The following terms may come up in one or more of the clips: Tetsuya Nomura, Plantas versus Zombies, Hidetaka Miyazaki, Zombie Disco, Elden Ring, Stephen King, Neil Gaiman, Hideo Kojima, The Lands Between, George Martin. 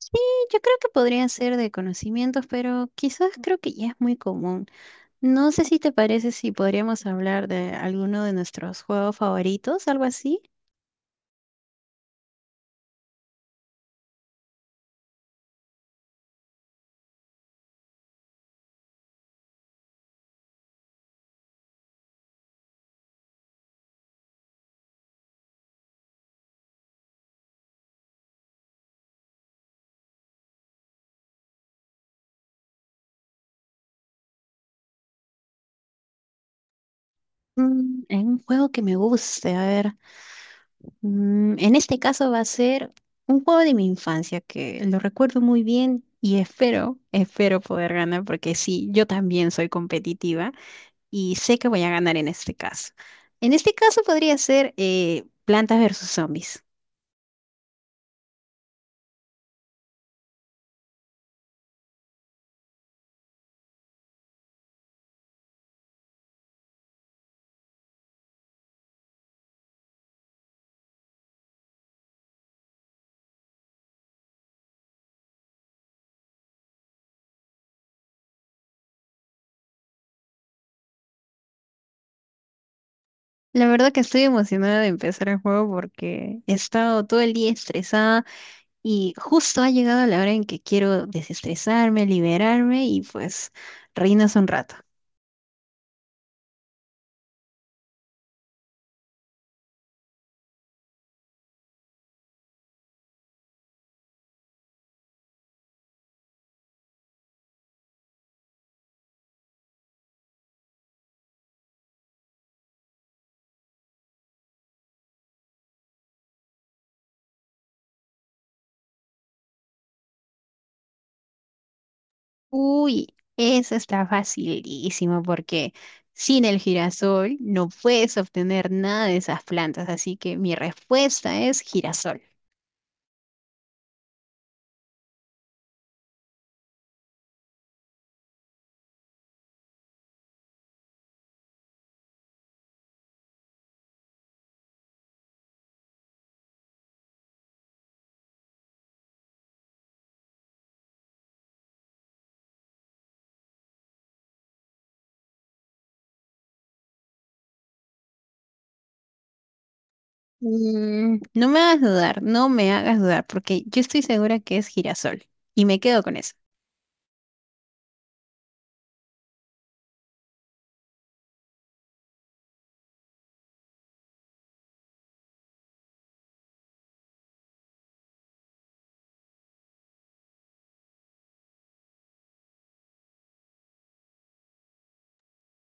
Sí, yo creo que podría ser de conocimientos, pero quizás creo que ya es muy común. No sé si te parece si podríamos hablar de alguno de nuestros juegos favoritos, algo así. Mm, en un juego que me guste, a ver. En este caso va a ser un juego de mi infancia que lo recuerdo muy bien y espero poder ganar porque sí, yo también soy competitiva y sé que voy a ganar en este caso. En este caso podría ser Plantas versus Zombies. La verdad que estoy emocionada de empezar el juego porque he estado todo el día estresada y justo ha llegado la hora en que quiero desestresarme, liberarme y pues reinas un rato. Uy, esa está facilísima porque sin el girasol no puedes obtener nada de esas plantas, así que mi respuesta es girasol. Mm, no me hagas dudar, no me hagas dudar porque yo estoy segura que es girasol y me quedo con eso.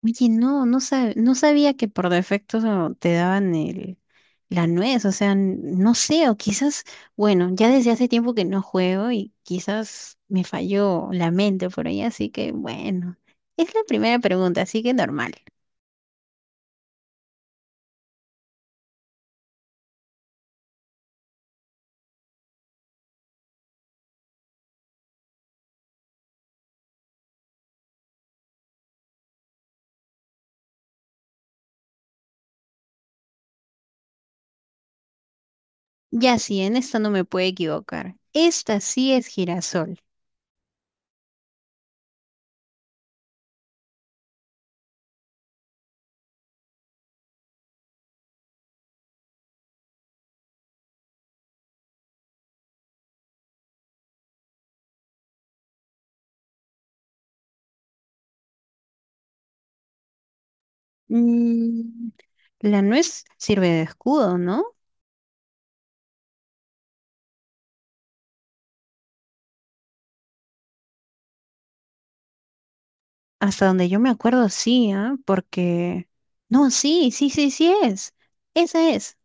Oye, no, no sabía que por defecto te daban la nuez, o sea, no sé, o quizás, bueno, ya desde hace tiempo que no juego y quizás me falló la mente por ahí, así que bueno, es la primera pregunta, así que normal. Ya sí, en esta no me puedo equivocar. Esta sí es girasol. Mm, la nuez sirve de escudo, ¿no? Hasta donde yo me acuerdo, sí, ¿ah? Porque… No, sí, sí, sí, sí es. Esa es.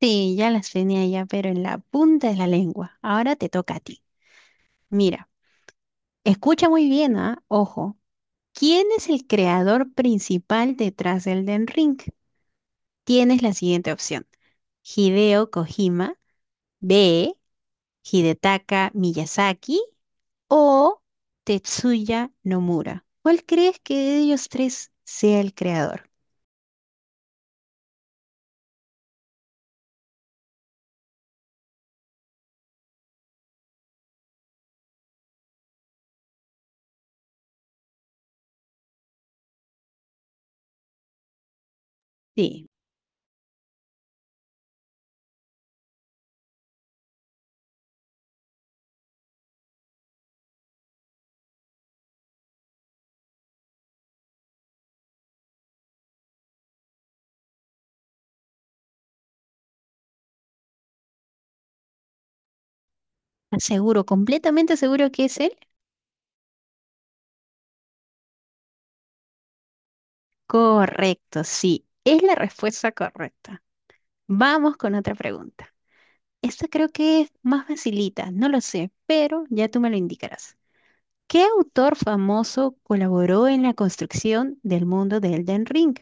Sí, ya las tenía ya, pero en la punta de la lengua. Ahora te toca a ti. Mira, escucha muy bien, ¿ah? Ojo. ¿Quién es el creador principal detrás del Den Ring? Tienes la siguiente opción. Hideo Kojima, B, Hidetaka Miyazaki o Tetsuya Nomura. ¿Cuál crees que de ellos tres sea el creador? Sí, aseguro, completamente seguro que es él. Correcto, sí, es la respuesta correcta. Vamos con otra pregunta. Esta creo que es más facilita, no lo sé, pero ya tú me lo indicarás. ¿Qué autor famoso colaboró en la construcción del mundo de Elden Ring?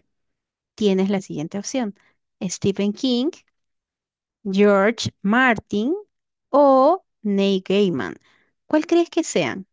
Tienes la siguiente opción: Stephen King, George Martin o Neil Gaiman. ¿Cuál crees que sean?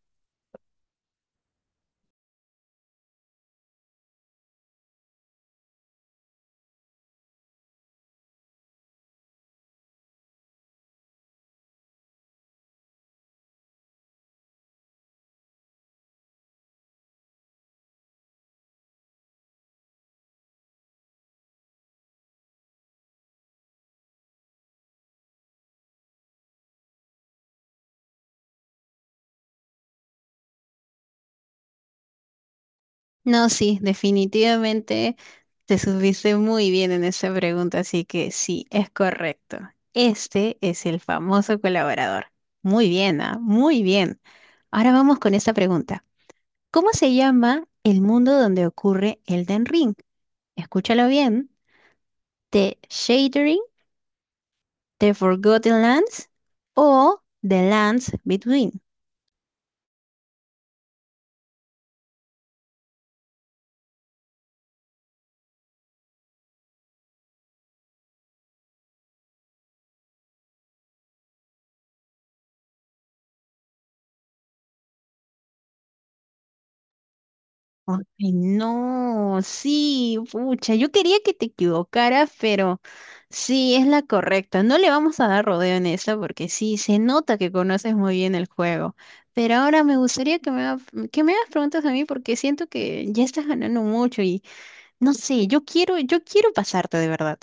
No, sí, definitivamente te subiste muy bien en esa pregunta, así que sí, es correcto. Este es el famoso colaborador. Muy bien, ah, muy bien. Ahora vamos con esta pregunta. ¿Cómo se llama el mundo donde ocurre Elden Ring? Escúchalo bien. ¿The Shadering, The Forgotten Lands o The Lands Between? Ay, no, sí, pucha, yo quería que te equivocaras, pero sí, es la correcta. No le vamos a dar rodeo en esta porque sí, se nota que conoces muy bien el juego. Pero ahora me gustaría que que me hagas preguntas a mí porque siento que ya estás ganando mucho y no sé, yo quiero pasarte de verdad.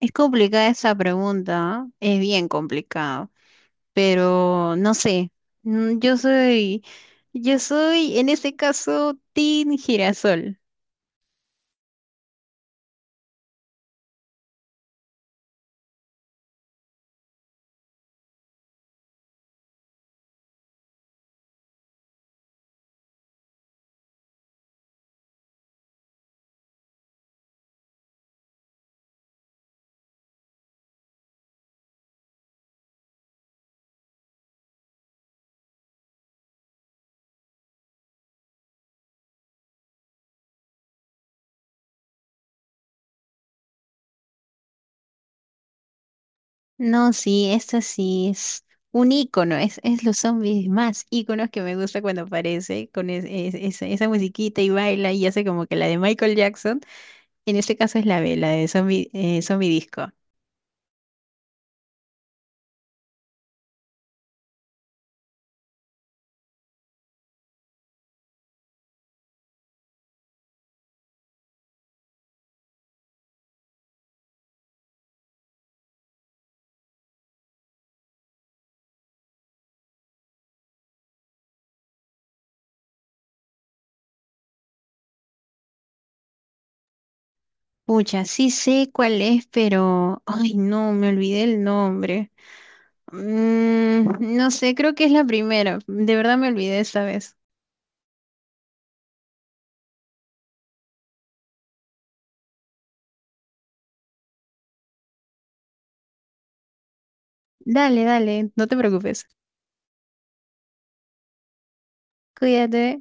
Es complicada esa pregunta, ¿ah? Es bien complicado, pero no sé, mm, yo soy, yo soy en este caso Team Girasol. No, sí, esto sí es un ícono, es los zombies más íconos que me gusta cuando aparece con esa musiquita y baila y hace como que la de Michael Jackson. En este caso es la de Zombie, Zombie Disco. Pucha, sí sé cuál es, pero… Ay, no, me olvidé el nombre. Mm, no sé, creo que es la primera. De verdad me olvidé esta vez. Dale, dale, no te preocupes. Cuídate.